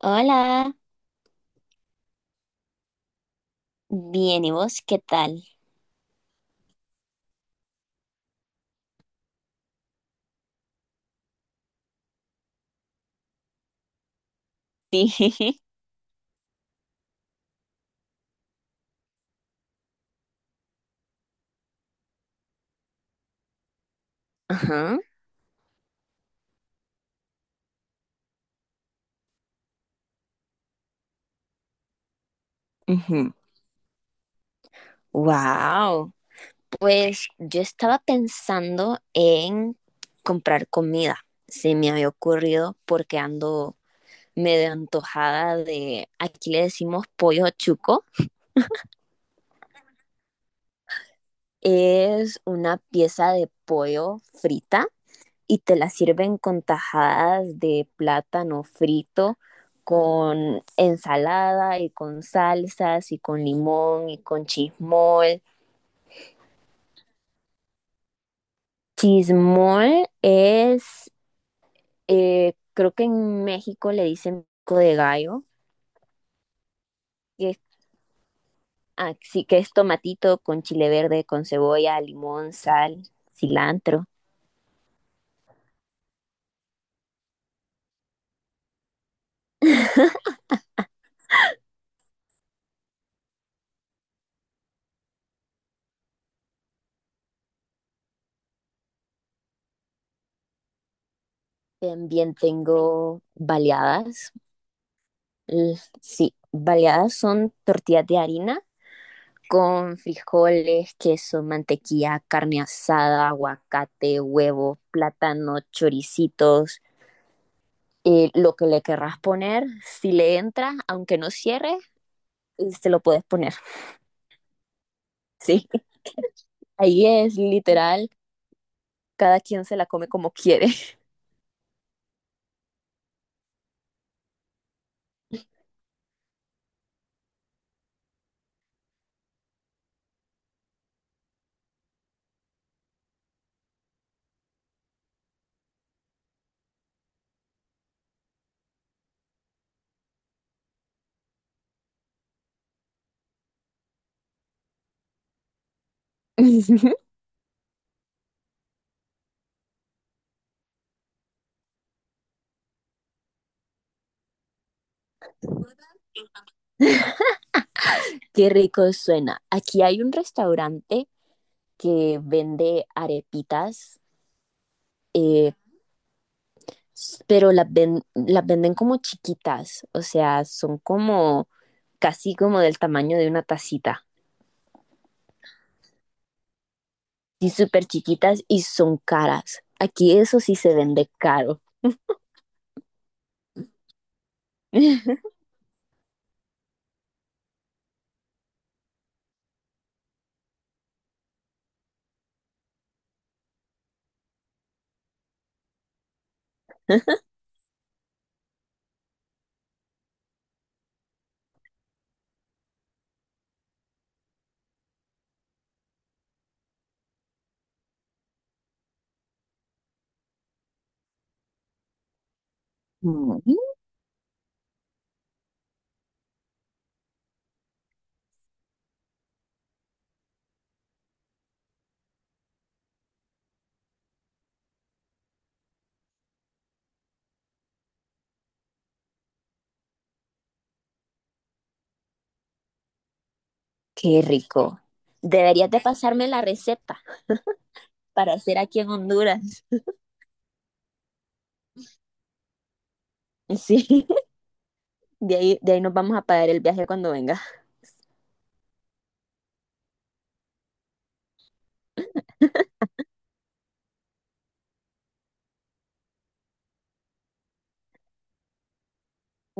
Hola, bien, ¿y vos qué tal? Sí. Ajá. Ujú. Wow. Pues yo estaba pensando en comprar comida. Se me había ocurrido porque ando medio antojada de, aquí le decimos pollo chuco. Es una pieza de pollo frita y te la sirven con tajadas de plátano frito, con ensalada y con salsas y con limón y con chismol. Chismol es, creo que en México le dicen pico de gallo, que es, ah, sí, que es tomatito con chile verde, con cebolla, limón, sal, cilantro. También tengo baleadas. L- Sí, baleadas son tortillas de harina con frijoles, queso, mantequilla, carne asada, aguacate, huevo, plátano, choricitos, lo que le querrás poner, si le entra, aunque no cierre, se lo puedes poner. Sí, ahí es literal, cada quien se la come como quiere. Qué rico suena. Aquí hay un restaurante que vende arepitas, eh, pero las venden como chiquitas, o sea, son como casi como del tamaño de una tacita. Y súper chiquitas y son caras. Aquí eso sí se vende caro. Mm, qué rico. Deberías de pasarme la receta para hacer aquí en Honduras. Sí, de ahí nos vamos a pagar el viaje cuando vengas.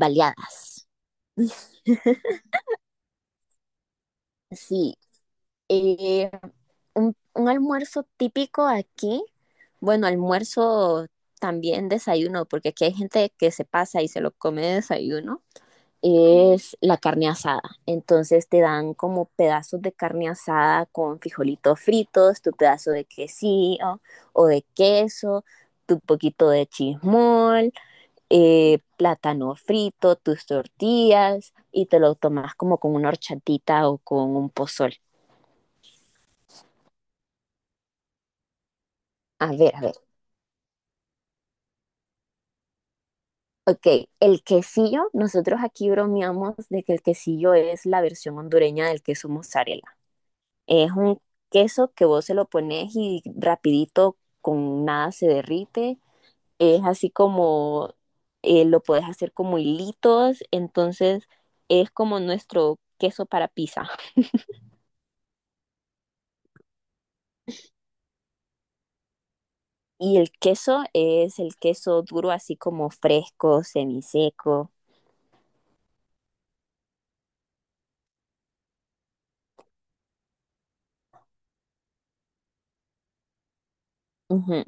Baleadas. Sí, eh, un almuerzo típico aquí. Bueno, almuerzo también desayuno, porque aquí hay gente que se pasa y se lo come de desayuno es la carne asada. Entonces te dan como pedazos de carne asada con frijolitos fritos, tu pedazo de quesillo o de queso, tu poquito de chismol, plátano frito, tus tortillas y te lo tomas como con una horchatita o con un pozol. A ver, a ver. Ok, el quesillo, nosotros aquí bromeamos de que el quesillo es la versión hondureña del queso mozzarella. Es un queso que vos se lo pones y rapidito con nada se derrite. Es así como lo puedes hacer como hilitos, entonces es como nuestro queso para pizza. Y el queso es el queso duro, así como fresco, semiseco. Ujú,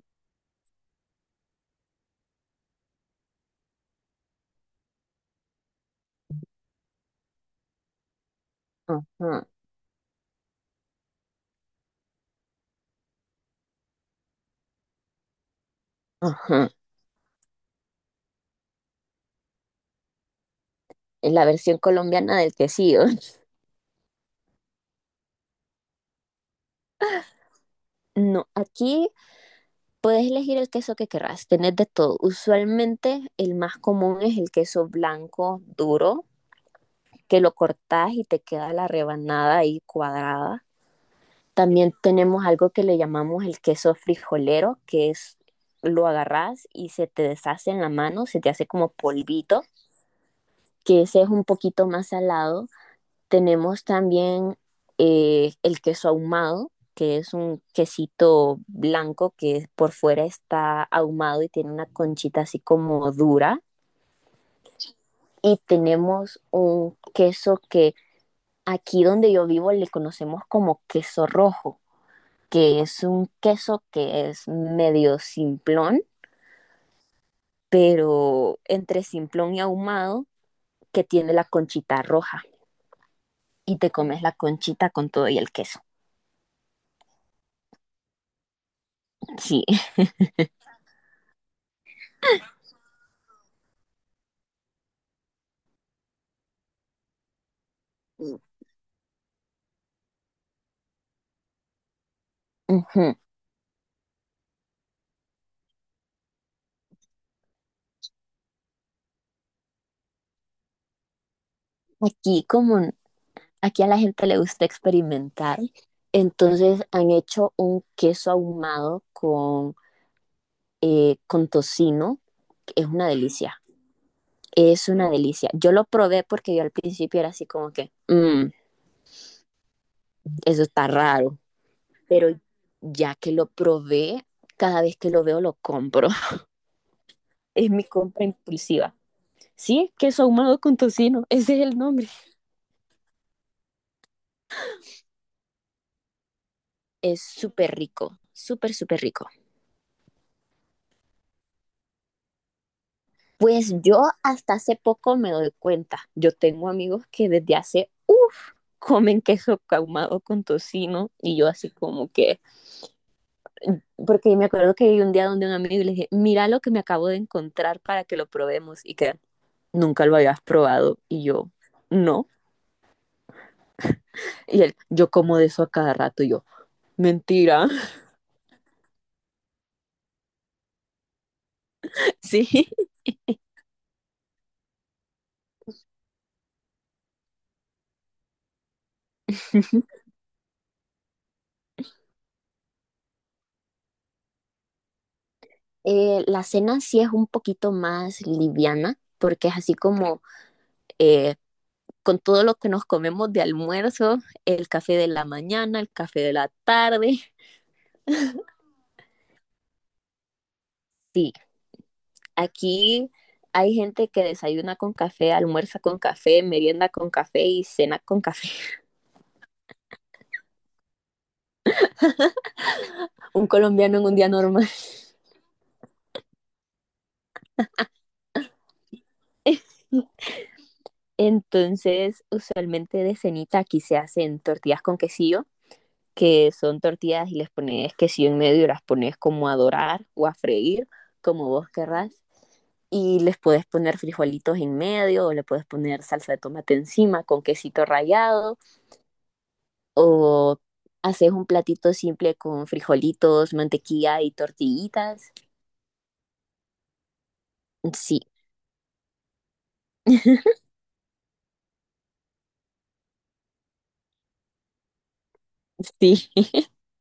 ujú, ujú. Es la versión colombiana del quesillo. No, aquí puedes elegir el queso que querrás, tenés de todo. Usualmente el más común es el queso blanco duro, que lo cortás y te queda la rebanada ahí cuadrada. También tenemos algo que le llamamos el queso frijolero, que es lo agarrás y se te deshace en la mano, se te hace como polvito, que ese es un poquito más salado. Tenemos también el queso ahumado, que es un quesito blanco que por fuera está ahumado y tiene una conchita así como dura. Y tenemos un queso que aquí donde yo vivo le conocemos como queso rojo, que es un queso que es medio simplón, pero entre simplón y ahumado, que tiene la conchita roja. Y te comes la conchita con todo y el queso. Sí. Ujú. Aquí, como aquí a la gente le gusta experimentar, entonces han hecho un queso ahumado con tocino, que es una delicia. Es una delicia. Yo lo probé porque yo al principio era así como que, "Mm, eso está raro", pero ya que lo probé, cada vez que lo veo lo compro. Es mi compra impulsiva. Sí, queso ahumado con tocino, ese es el nombre. Es súper rico, súper, súper rico. Pues yo hasta hace poco me doy cuenta. Yo tengo amigos que desde hace, uff, comen queso caumado con tocino y yo así como que, porque me acuerdo que hay un día donde un amigo y le dije, mira lo que me acabo de encontrar para que lo probemos y que nunca lo habías probado y yo, no. Y él, yo como de eso a cada rato y yo, mentira, sí. La cena sí es un poquito más liviana porque es así como eh, con todo lo que nos comemos de almuerzo, el café de la mañana, el café de la tarde. Sí, aquí hay gente que desayuna con café, almuerza con café, merienda con café y cena con café. Un colombiano en un día normal. Entonces, usualmente de cenita aquí se hacen tortillas con quesillo, que son tortillas y les pones quesillo en medio y las pones como a dorar o a freír, como vos querrás. Y les puedes poner frijolitos en medio o le puedes poner salsa de tomate encima con quesito rallado o haces un platito simple con frijolitos, mantequilla y tortillitas. Sí, sí,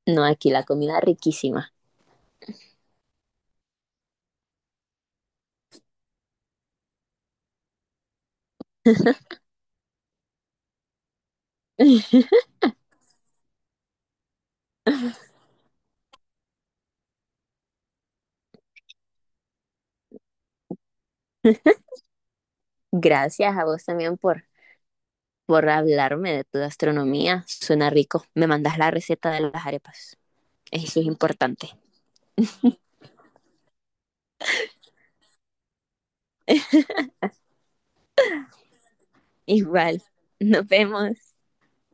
no, aquí la comida riquísima. Gracias a vos también por hablarme de tu gastronomía, suena rico. Me mandas la receta de las arepas, eso es importante. Igual, nos vemos.